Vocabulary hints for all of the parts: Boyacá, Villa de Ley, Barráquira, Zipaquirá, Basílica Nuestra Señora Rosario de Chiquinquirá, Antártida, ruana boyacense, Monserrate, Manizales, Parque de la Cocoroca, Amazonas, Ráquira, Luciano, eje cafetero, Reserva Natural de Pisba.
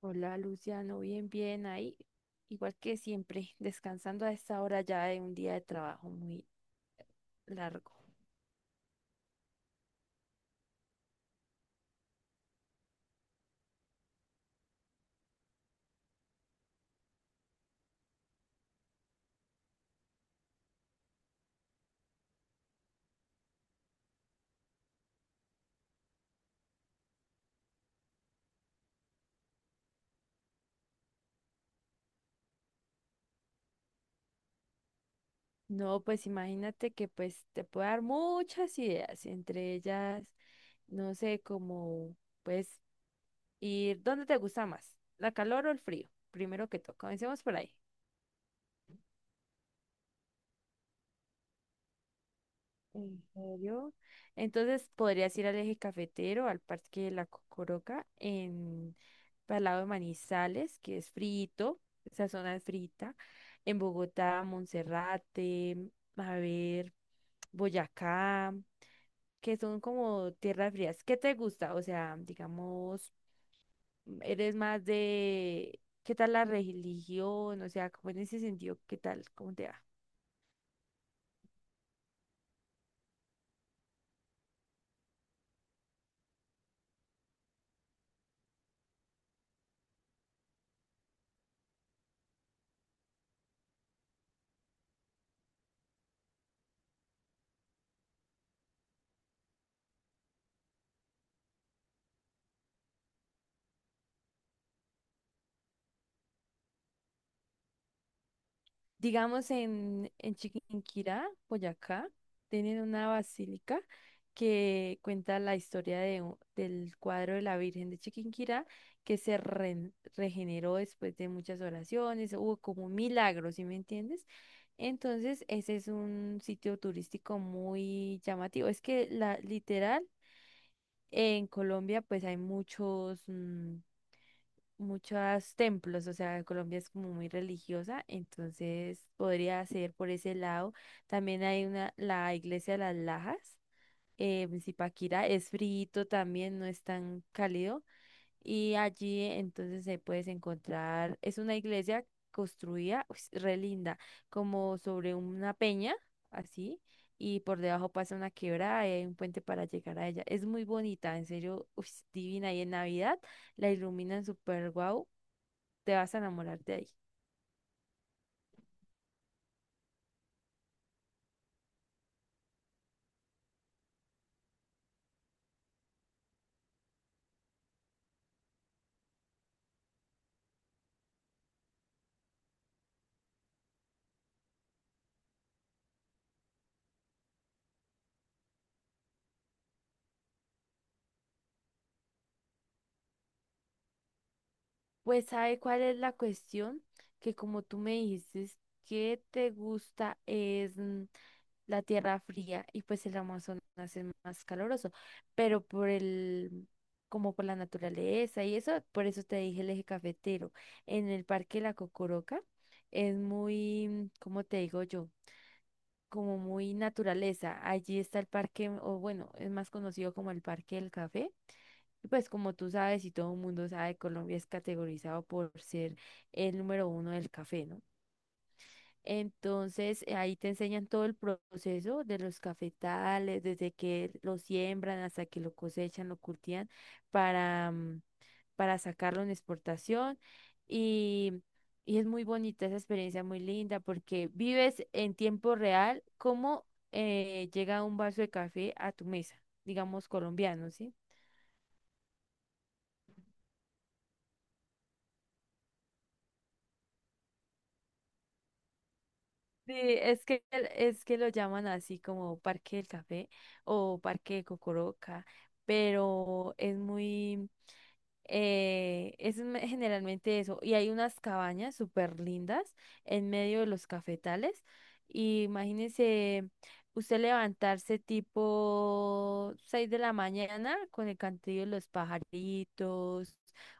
Hola Luciano, bien, bien ahí. Igual que siempre, descansando a esta hora ya de un día de trabajo muy largo. No, pues imagínate que pues te puedo dar muchas ideas, entre ellas, no sé, como pues ir, ¿dónde te gusta más? ¿La calor o el frío? Primero que todo, comencemos por ahí. ¿En serio? Entonces podrías ir al eje cafetero, al Parque de la Cocoroca, en al lado de Manizales, que es frito, esa zona es frita, en Bogotá, Monserrate, a ver, Boyacá, que son como tierras frías. ¿Qué te gusta? O sea, digamos, eres más de, ¿qué tal la religión? O sea, como en ese sentido, ¿qué tal? ¿Cómo te va? Digamos en Chiquinquirá, Boyacá, tienen una basílica que cuenta la historia del cuadro de la Virgen de Chiquinquirá que se regeneró después de muchas oraciones, hubo como milagros, ¿sí me entiendes? Entonces, ese es un sitio turístico muy llamativo. Es que la literal en Colombia pues hay muchos templos, o sea, Colombia es como muy religiosa, entonces podría ser por ese lado. También hay una, la iglesia de las Lajas, en Zipaquirá, es frío también, no es tan cálido, y allí entonces se puedes encontrar, es una iglesia construida, uy, re linda, como sobre una peña, así. Y por debajo pasa una quebrada y hay un puente para llegar a ella. Es muy bonita, en serio, uy, divina. Y en Navidad la iluminan súper guau te vas a enamorar de ahí. Pues, ¿sabe cuál es la cuestión? Que como tú me dijiste que te gusta es, la tierra fría y pues el Amazonas es más caluroso, pero por el, como por la naturaleza y eso, por eso te dije el eje cafetero. En el Parque La Cocoroca es ¿cómo te digo yo? Como muy naturaleza. Allí está el parque, o bueno, es más conocido como el Parque del Café. Y pues como tú sabes y todo el mundo sabe, Colombia es categorizado por ser el número uno del café, ¿no? Entonces ahí te enseñan todo el proceso de los cafetales, desde que lo siembran hasta que lo cosechan, lo cultivan para, mm, para sacarlo en exportación. Y, y es muy bonita esa experiencia, muy linda, porque vives en tiempo real cómo llega un vaso de café a tu mesa, digamos colombiano, ¿sí? Sí, es que lo llaman así como Parque del Café o Parque de Cocoroca, pero es muy, generalmente eso. Y hay unas cabañas súper lindas en medio de los cafetales. Y imagínese usted levantarse tipo 6 de la mañana con el cantillo de los pajaritos,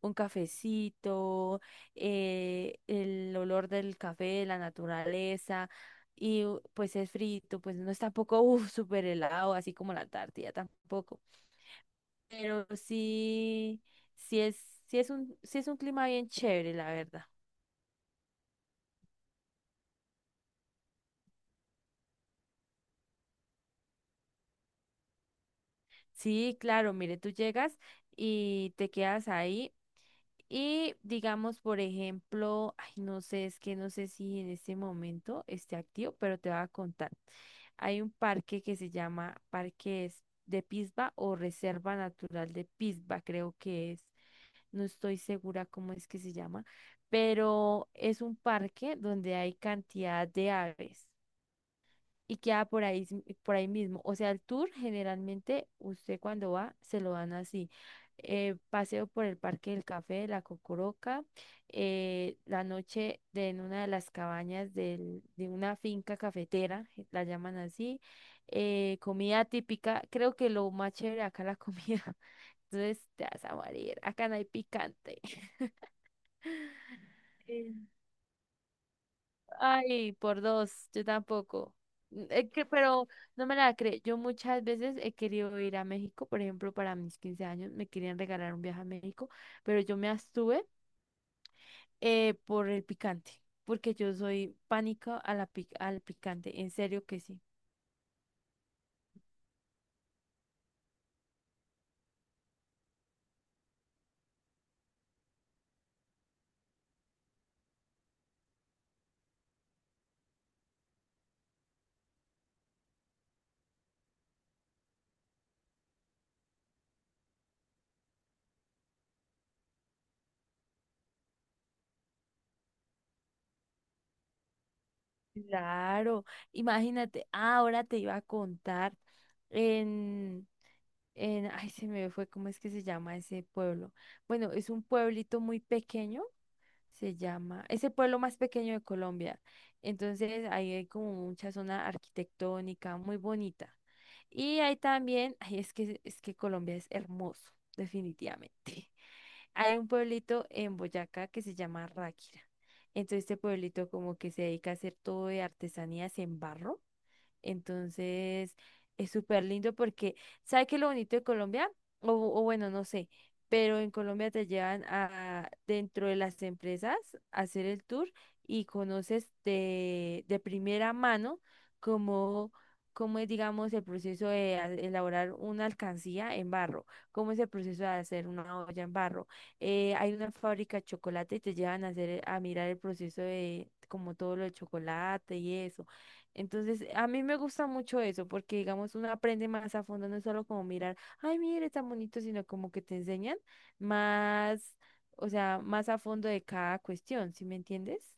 un cafecito, el olor del café, la naturaleza. Pues es frito, pues no es tampoco uf, súper helado, así como la Antártida tampoco. Pero sí, sí es, sí es un clima bien chévere, la verdad. Sí, claro, mire, tú llegas y te quedas ahí y digamos, por ejemplo, ay, no sé, es que no sé si en este momento esté activo, pero te voy a contar. Hay un parque que se llama de Pisba o Reserva Natural de Pisba, creo que es. No estoy segura cómo es que se llama, pero es un parque donde hay cantidad de aves. Y queda por ahí, por ahí mismo. O sea, el tour generalmente usted cuando va se lo dan así. Paseo por el Parque del Café, la Cocoroca, en una de las cabañas de una finca cafetera, la llaman así, comida típica, creo que lo más chévere acá la comida, entonces te vas a morir, acá no hay picante. Ay, por dos, yo tampoco. Pero no me la creo. Yo muchas veces he querido ir a México, por ejemplo, para mis 15 años me querían regalar un viaje a México, pero yo me abstuve por el picante, porque yo soy pánico a la al picante, en serio que sí. Claro, imagínate, ah, ahora te iba a contar en, ay, se me fue, ¿cómo es que se llama ese pueblo? Bueno, es un pueblito muy pequeño se llama, es el pueblo más pequeño de Colombia. Entonces ahí hay como mucha zona arquitectónica muy bonita. Y hay también, ay, es que Colombia es hermoso, definitivamente. Hay un pueblito en Boyacá que se llama Ráquira. Entonces este pueblito como que se dedica a hacer todo de artesanías en barro. Entonces, es súper lindo porque, ¿sabe qué es lo bonito de Colombia? O bueno, no sé, pero en Colombia te llevan a dentro de las empresas a hacer el tour y conoces de primera mano cómo, cómo es, digamos, el proceso de elaborar una alcancía en barro, cómo es el proceso de hacer una olla en barro. Hay una fábrica de chocolate y te llevan a hacer, a mirar el proceso de como todo lo de chocolate y eso. Entonces, a mí me gusta mucho eso, porque digamos, uno aprende más a fondo, no es solo como mirar, ay, mire, tan bonito, sino como que te enseñan más, o sea, más a fondo de cada cuestión, ¿sí me entiendes?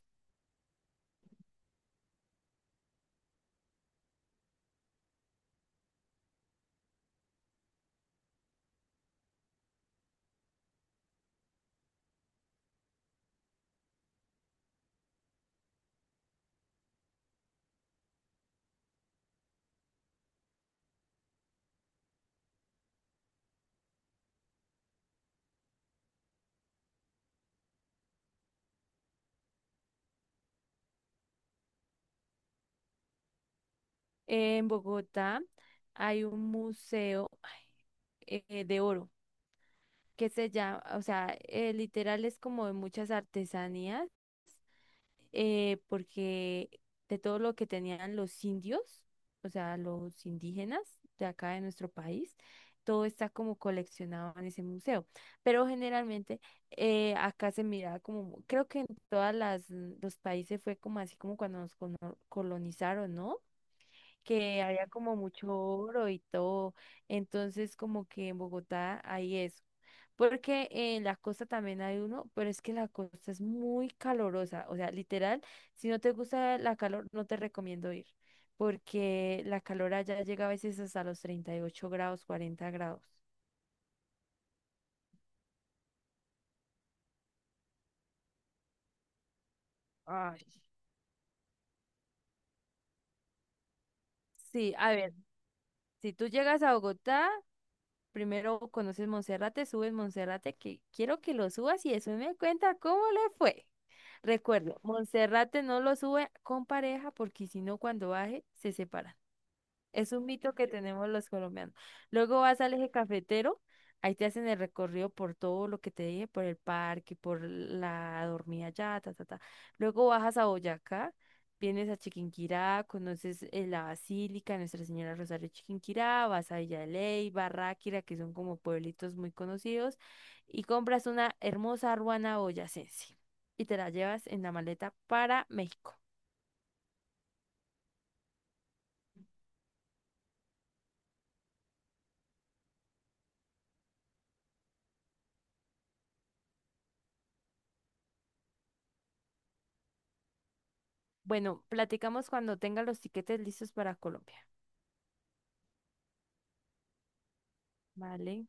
En Bogotá hay un museo de oro que se llama, o sea, literal es como de muchas artesanías porque de todo lo que tenían los indios, o sea, los indígenas de acá de nuestro país, todo está como coleccionado en ese museo. Pero generalmente acá se miraba como, creo que en todas las los países fue como así como cuando nos colonizaron, ¿no? Que había como mucho oro y todo. Entonces, como que en Bogotá hay eso. Porque en la costa también hay uno, pero es que la costa es muy calurosa. O sea, literal, si no te gusta la calor, no te recomiendo ir. Porque la calor allá llega a veces hasta los 38 grados, 40 grados. Ay, sí, a ver, si tú llegas a Bogotá, primero conoces Monserrate, subes Monserrate, que quiero que lo subas y después me cuenta cómo le fue. Recuerdo, Monserrate no lo sube con pareja porque si no, cuando baje, se separa. Es un mito que tenemos los colombianos. Luego vas al eje cafetero, ahí te hacen el recorrido por todo lo que te dije, por el parque, por la dormida allá, ta, ta, ta. Luego bajas a Boyacá, vienes a Chiquinquirá, conoces la Basílica, Nuestra Señora Rosario de Chiquinquirá, vas a Villa de Ley, Barráquira, que son como pueblitos muy conocidos, y compras una hermosa ruana boyacense y te la llevas en la maleta para México. Bueno, platicamos cuando tenga los tiquetes listos para Colombia. Vale.